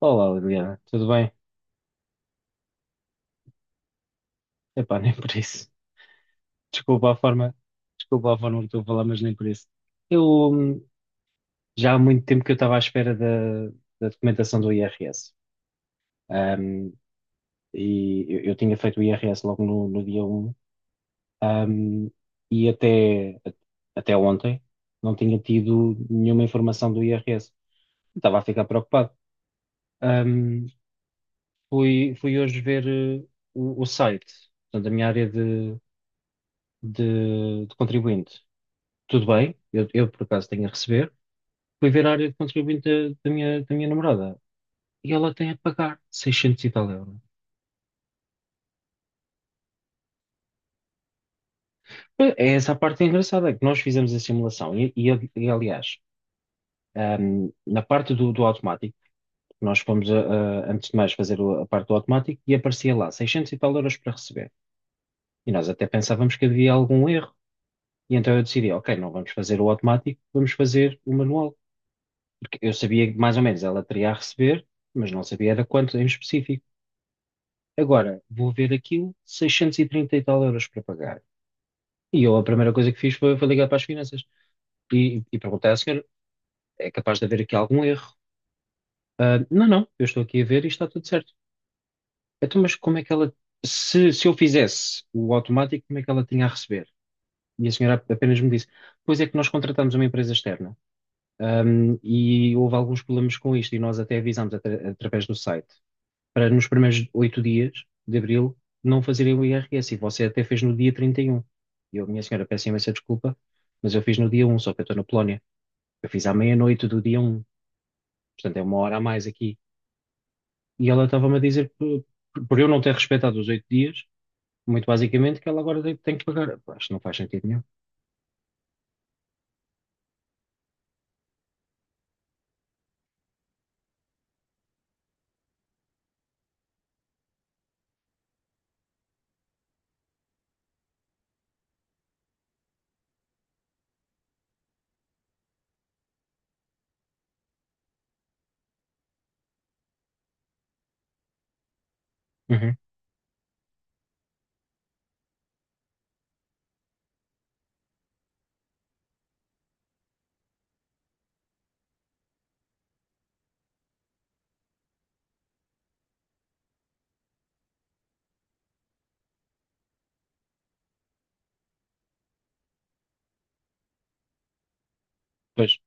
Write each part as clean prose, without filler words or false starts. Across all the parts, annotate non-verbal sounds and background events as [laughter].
Olá, Liliana, tudo bem? Epá, [laughs] nem por isso. Desculpa a forma, desculpa a forma que estou a falar, mas nem por isso. Eu hum, já há muito tempo que eu estava à espera da documentação do IRS. Hum, e eu tinha feito o IRS logo no dia 1 hum, e até ontem não tinha tido nenhuma informação do IRS. Estava a ficar preocupado. Hum, fui hoje ver o site. Portanto, a minha área de contribuinte, tudo bem, eu, por acaso tenho a receber. Fui ver a área de contribuinte da minha namorada e ela tem a pagar 600 e tal euros. É essa a parte engraçada, é que nós fizemos a simulação . Aliás, na parte do automático, nós fomos, antes de mais, fazer a parte do automático e aparecia lá 600 e tal euros para receber. E nós até pensávamos que havia algum erro. E então eu decidi, ok, não vamos fazer o automático, vamos fazer o manual. Porque eu sabia que mais ou menos ela teria a receber, mas não sabia era quanto em específico. Agora, vou ver aquilo, 630 e trinta e tal euros para pagar. E eu a primeira coisa que fiz foi, ligar para as finanças e perguntar à senhora: é capaz de haver aqui algum erro? Ah, não, não, eu estou aqui a ver e está tudo certo. Então, mas como é que ela, se eu fizesse o automático, como é que ela tinha a receber? E a senhora apenas me disse: pois é que nós contratamos uma empresa externa, e houve alguns problemas com isto e nós até avisámos através do site, para nos primeiros 8 dias de abril não fazerem o IRS. E você até fez no dia trinta e um. E eu, minha senhora, peço imensa desculpa, mas eu fiz no dia 1, só que eu estou na Polónia. Eu fiz à meia-noite do dia 1, portanto é uma hora a mais aqui. E ela estava-me a dizer, por eu não ter respeitado os 8 dias, muito basicamente, que ela agora tem, que pagar. Pá, acho que não faz sentido nenhum. Uhum, pois,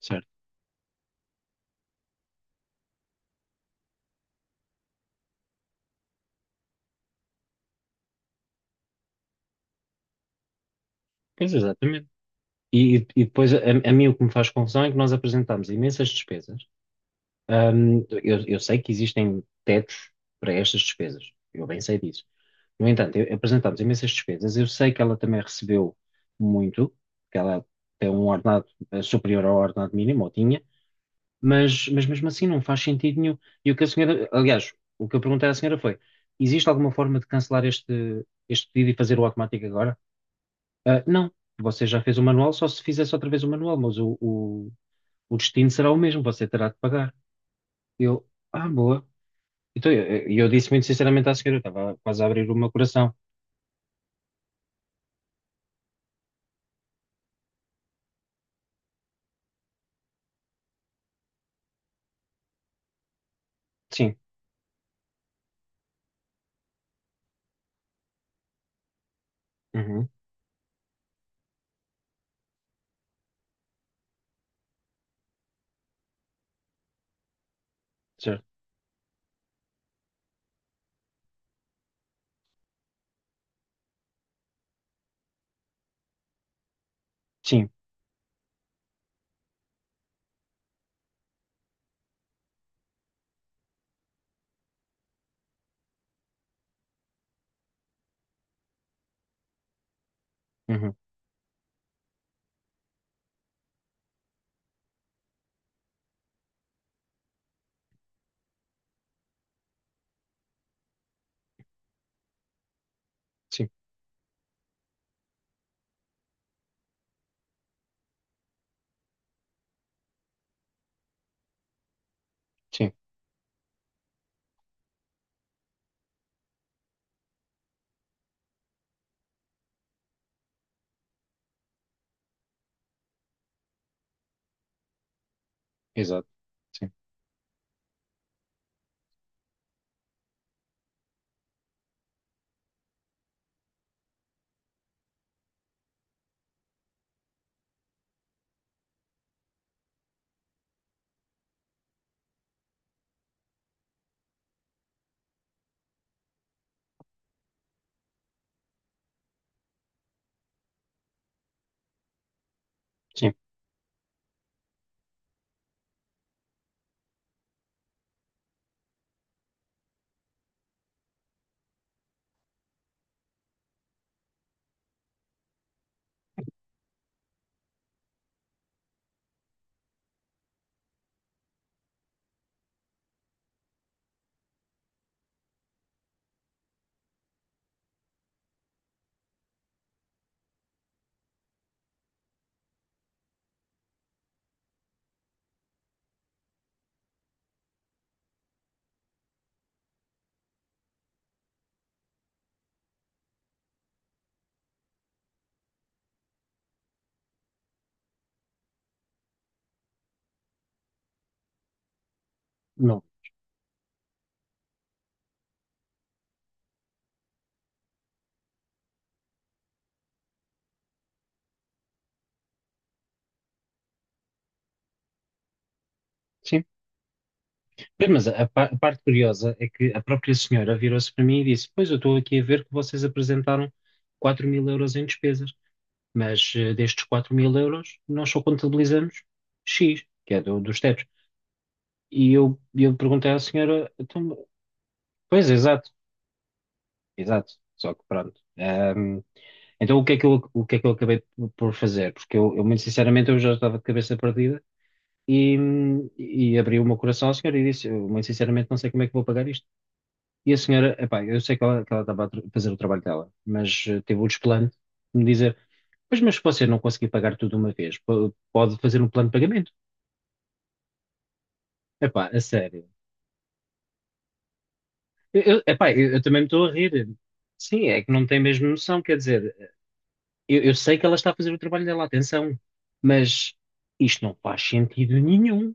certo. Pois, exatamente. E, e depois, a mim o que me faz confusão é que nós apresentámos imensas despesas. Eu sei que existem tetos para estas despesas, eu bem sei disso. No entanto, apresentámos imensas despesas, eu sei que ela também recebeu muito, que ela tem um ordenado superior ao ordenado mínimo, ou tinha, mas, mesmo assim não faz sentido nenhum. E o que a senhora, aliás, o que eu perguntei à senhora foi: existe alguma forma de cancelar este pedido e fazer o automático agora? Ah, não, você já fez o manual, só se fizesse outra vez o manual, mas o destino será o mesmo, você terá de pagar. Eu, ah, boa. Então, eu disse muito sinceramente à senhora, eu estava quase a abrir o meu coração. Sim, uhum, certo, sim, uhum, sim, sim, exato, sim, sim, não, sim. Mas a parte curiosa é que a própria senhora virou-se para mim e disse: Pois, eu estou aqui a ver que vocês apresentaram 4 mil euros em despesas, mas destes 4 mil euros nós só contabilizamos X, que é dos tetos. E eu perguntei à senhora: então, pois, exato, exato, só que pronto. Então, o que é que eu acabei por fazer? Porque eu, muito sinceramente, eu já estava de cabeça perdida e abri o meu coração à senhora e disse, eu, muito sinceramente, não sei como é que vou pagar isto. E a senhora, epá, eu sei que ela, estava a fazer o trabalho dela, mas teve o desplante de me dizer, pois, mas se você não conseguir pagar tudo de uma vez, pode fazer um plano de pagamento. Epá, a sério. Eu, epá, eu também me estou a rir. Sim, é que não tem mesmo noção, quer dizer, eu sei que ela está a fazer o trabalho dela, atenção, mas isto não faz sentido nenhum.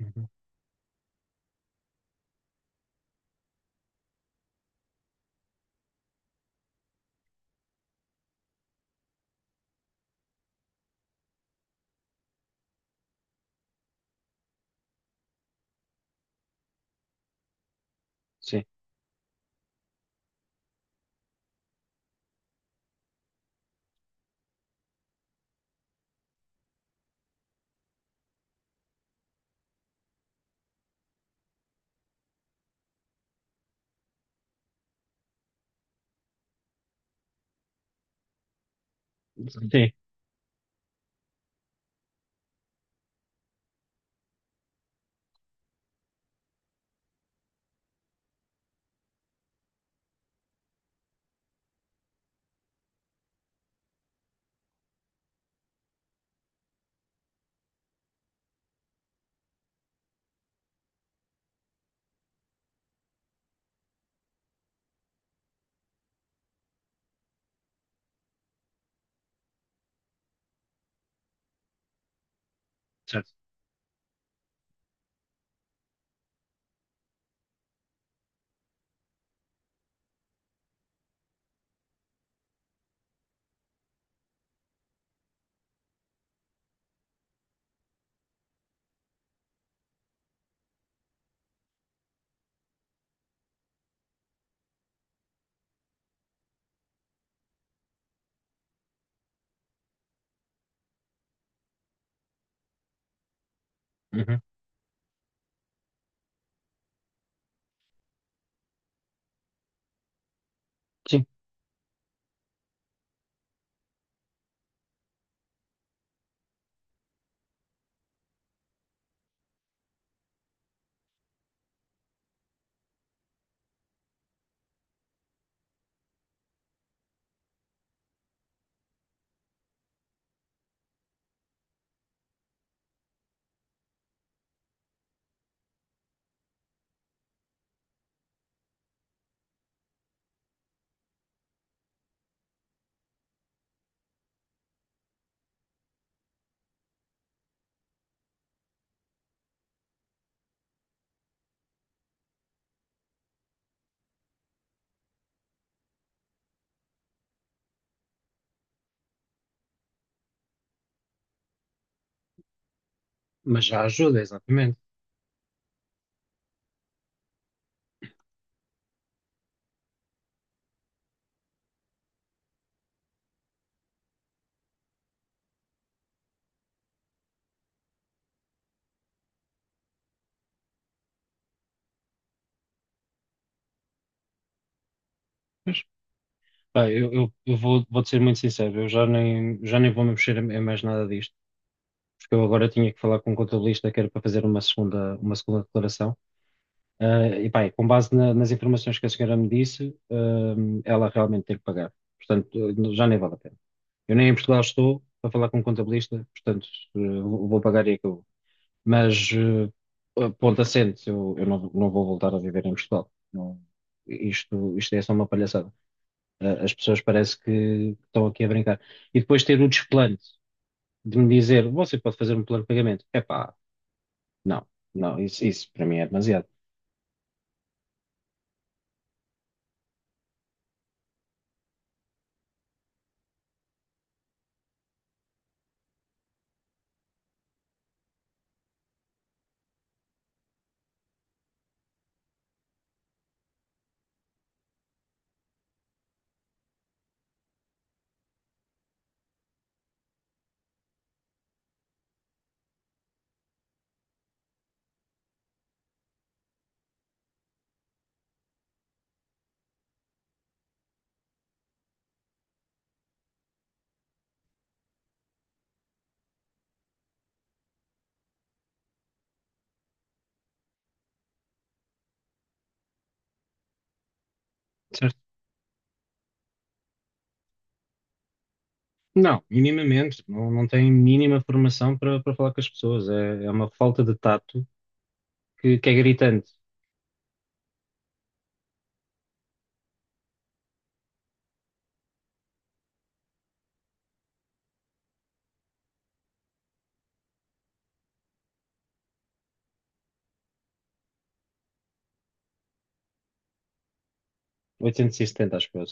Uhum. Sim, sim, certo. Uhum. Sim, mas já ajuda, exatamente. Pá, eu vou, ser muito sincero, eu já nem vou me mexer em mais nada disto, porque eu agora tinha que falar com um contabilista que era para fazer uma segunda declaração. Ah, e pá, e com base nas informações que a senhora me disse, ah, ela realmente tem que pagar. Portanto, já nem vale a pena. Eu nem em Portugal estou para falar com um contabilista, portanto, vou pagar e acabou. Mas, ponto assente, eu não vou voltar a viver em Portugal. Não, isto é só uma palhaçada. As pessoas parece que estão aqui a brincar. E depois ter o desplante de me dizer, você pode fazer um plano de pagamento. Epá, não, não, isso para mim é demasiado. Certo? Não, minimamente. Não, não tem mínima formação para falar com as pessoas. É uma falta de tato que é gritante. 870, acho que eu,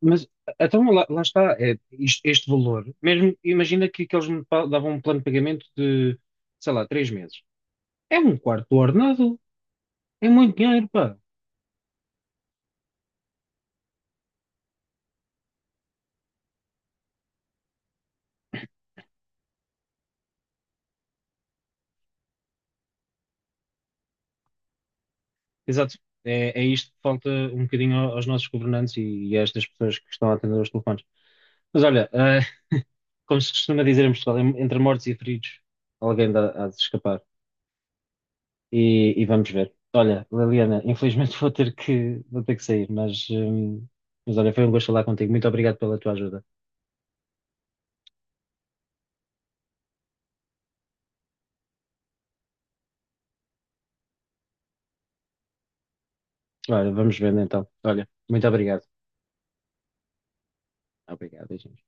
mas então lá está, é, este valor, mesmo imagina que eles me davam um plano de pagamento de, sei lá, 3 meses. É um quarto do ordenado, é muito dinheiro, pá. Exato. É isto que falta um bocadinho aos nossos governantes e a estas pessoas que estão a atender aos telefones. Mas olha, como se costuma dizer em Portugal, entre mortos e feridos, alguém dá, há de se escapar. E vamos ver. Olha, Liliana, infelizmente [laughs] vou ter que, sair, mas olha, foi um gosto falar contigo. Muito obrigado pela tua ajuda. Olha, vamos vendo então. Olha, muito obrigado. Obrigado, gente.